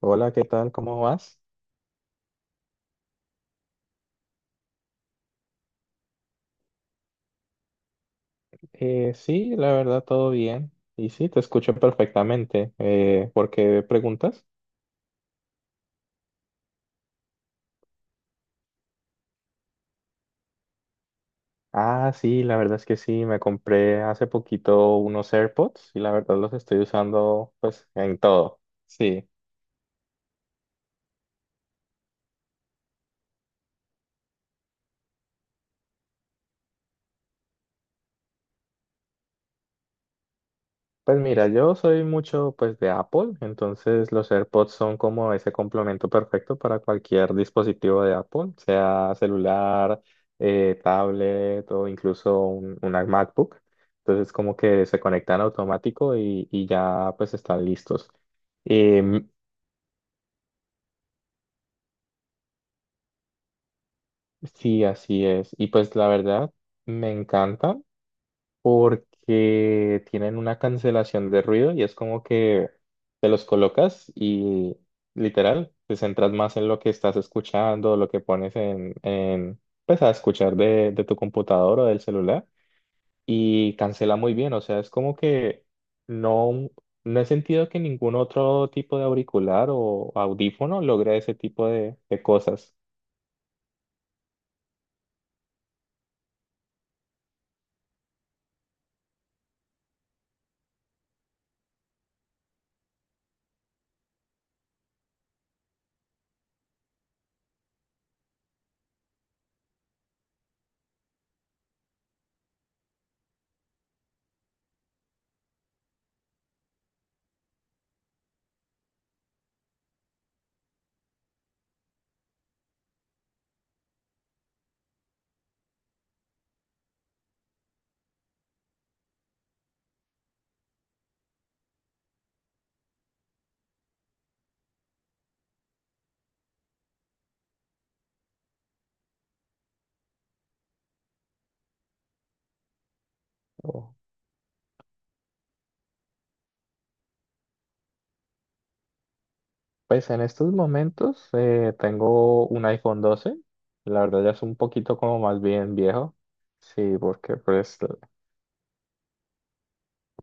Hola, ¿qué tal? ¿Cómo vas? Sí, la verdad, todo bien. Y sí, te escucho perfectamente. ¿Por qué preguntas? Ah, sí, la verdad es que sí, me compré hace poquito unos AirPods y la verdad los estoy usando pues en todo. Sí. Pues mira, yo soy mucho pues de Apple, entonces los AirPods son como ese complemento perfecto para cualquier dispositivo de Apple, sea celular, tablet o incluso una MacBook. Entonces como que se conectan automático y ya pues están listos. Em, sí, así es. Y pues la verdad me encanta, porque tienen una cancelación de ruido y es como que te los colocas y literal te centras más en lo que estás escuchando, lo que pones en pues a escuchar de tu computador o del celular y cancela muy bien, o sea, es como que no, no he sentido que ningún otro tipo de auricular o audífono logre ese tipo de cosas. Pues en estos momentos tengo un iPhone doce. La verdad ya es un poquito como más bien viejo. Sí, porque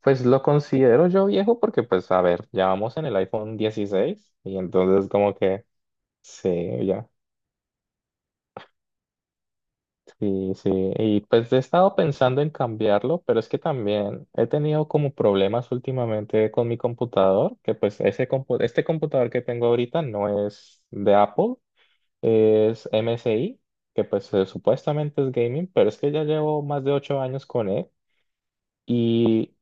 pues lo considero yo viejo porque pues a ver, ya vamos en el iPhone 16 y entonces como que sí, ya. Sí, sí. Y pues he estado pensando en cambiarlo, pero es que también he tenido como problemas últimamente con mi computador, que pues ese este computador que tengo ahorita no es de Apple. Es MSI, que pues supuestamente es gaming, pero es que ya llevo más de ocho años con él y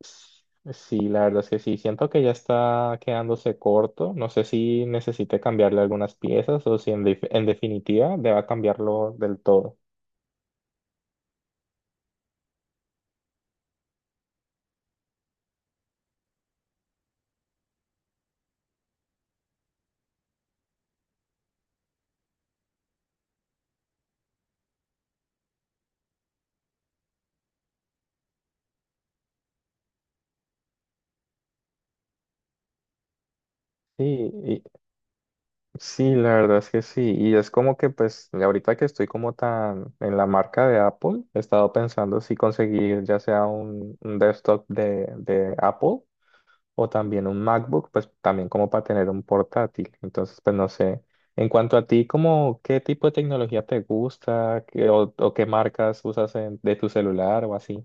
s- sí, la verdad es que sí, siento que ya está quedándose corto, no sé si necesite cambiarle algunas piezas o si en, en definitiva deba cambiarlo del todo. Sí, y- sí, la verdad es que sí, y es como que pues ahorita que estoy como tan en la marca de Apple, he estado pensando si conseguir ya sea un desktop de Apple o también un MacBook, pues también como para tener un portátil. Entonces, pues no sé. En cuanto a ti, como qué tipo de tecnología te gusta. ¿Qué... o qué marcas usas en- de tu celular o así?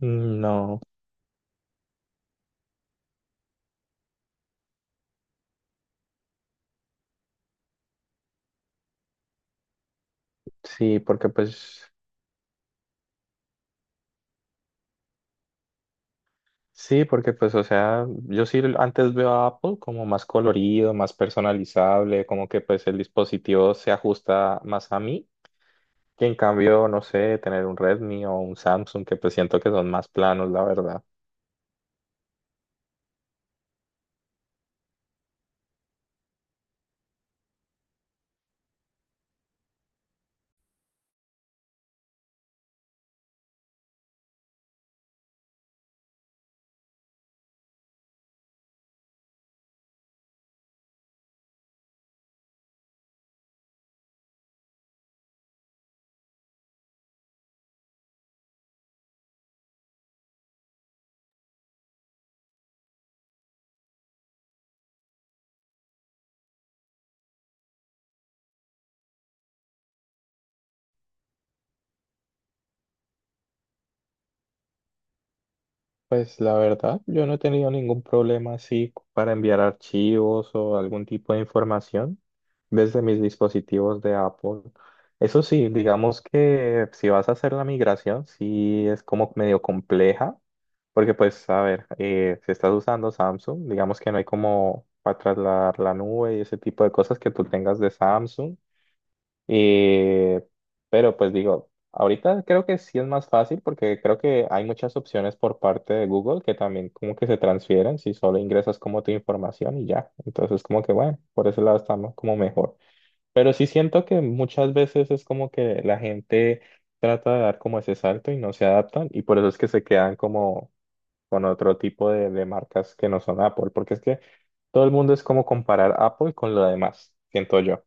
No, sí, porque sí, porque pues, o sea, yo sí antes veo a Apple como más colorido, más personalizable, como que pues el dispositivo se ajusta más a mí, que en cambio, no sé, tener un Redmi o un Samsung, que pues siento que son más planos, la verdad. Pues la verdad, yo no he tenido ningún problema así para enviar archivos o algún tipo de información desde mis dispositivos de Apple. Eso sí, digamos que si vas a hacer la migración, sí es como medio compleja, porque pues, a ver, si estás usando Samsung, digamos que no hay como para trasladar la nube y ese tipo de cosas que tú tengas de Samsung y, pero pues digo, ahorita creo que sí es más fácil porque creo que hay muchas opciones por parte de Google que también como que se transfieren si solo ingresas como tu información y ya. Entonces como que bueno, por ese lado está como mejor. Pero sí siento que muchas veces es como que la gente trata de dar como ese salto y no se adaptan y por eso es que se quedan como con otro tipo de marcas que no son Apple, porque es que todo el mundo es como comparar Apple con lo demás, siento yo.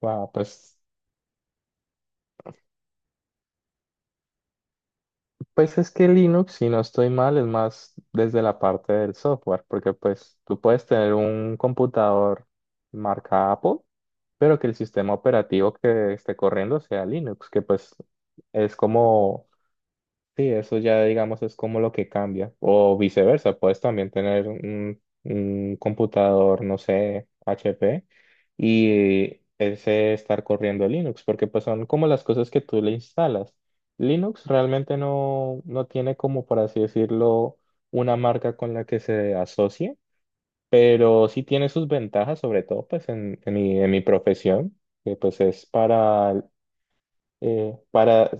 Wow, pues, pues es que Linux, si no estoy mal, es más desde la parte del software, porque pues tú puedes tener un computador marca Apple, pero que el sistema operativo que esté corriendo sea Linux, que pues es como... Sí, eso ya digamos es como lo que cambia. O viceversa, puedes también tener un computador, no sé, HP y ese estar corriendo Linux, porque pues son como las cosas que tú le instalas. Linux realmente no, no tiene como, por así decirlo, una marca con la que se asocie, pero sí tiene sus ventajas, sobre todo pues en en mi profesión, que pues es eh, para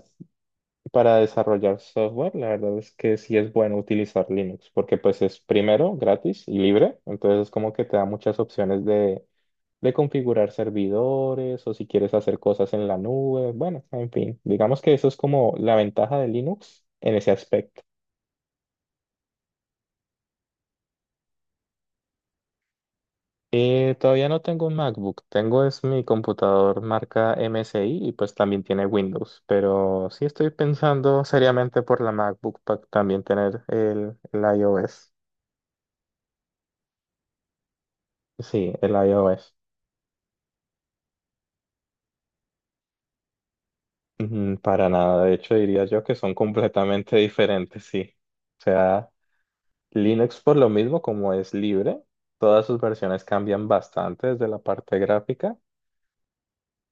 para desarrollar software, la verdad es que sí es bueno utilizar Linux, porque pues es primero gratis y libre, entonces es como que te da muchas opciones de configurar servidores o si quieres hacer cosas en la nube, bueno, en fin, digamos que eso es como la ventaja de Linux en ese aspecto. Y todavía no tengo un MacBook, tengo es mi computador marca MSI y pues también tiene Windows, pero sí estoy pensando seriamente por la MacBook para también tener el iOS. Sí, el iOS. Ujú. Para nada, de hecho diría yo que son completamente diferentes, sí. O sea, Linux por lo mismo como es libre, todas sus versiones cambian bastante desde la parte gráfica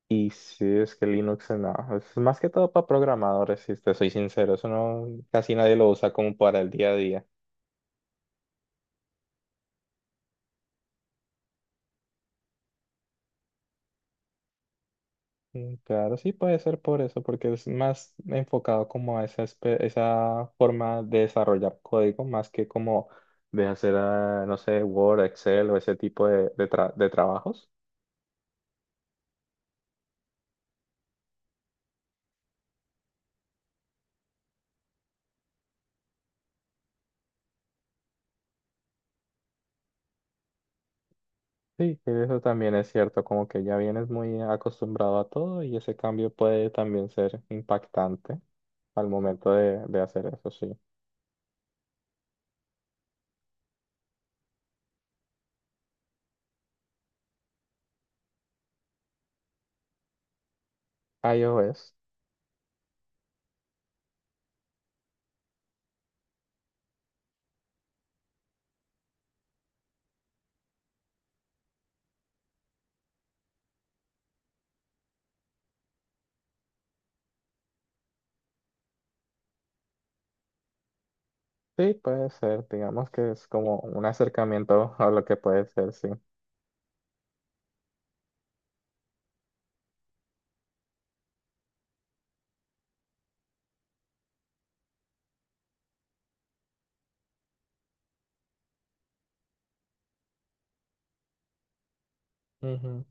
y sí, es que Linux no, es más que todo para programadores, si te soy sincero, eso no, casi nadie lo usa como para el día a día. Mm, claro, sí puede ser por eso, porque es más enfocado como a esa, esa forma de desarrollar código, más que como de hacer, ah, no sé, Word, Excel o ese tipo de trabajos. Sí, que eso también es cierto, como que ya vienes muy acostumbrado a todo y ese cambio puede también ser impactante al momento de hacer eso, sí. iOS, sí, puede ser, digamos que es como un acercamiento a lo que puede ser, sí. Ujú.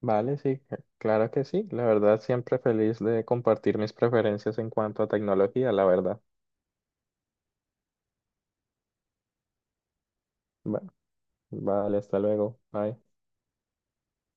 Vale, sí, claro que sí. La verdad, siempre feliz de compartir mis preferencias en cuanto a tecnología, la verdad. Va- vale, hasta luego. Bye.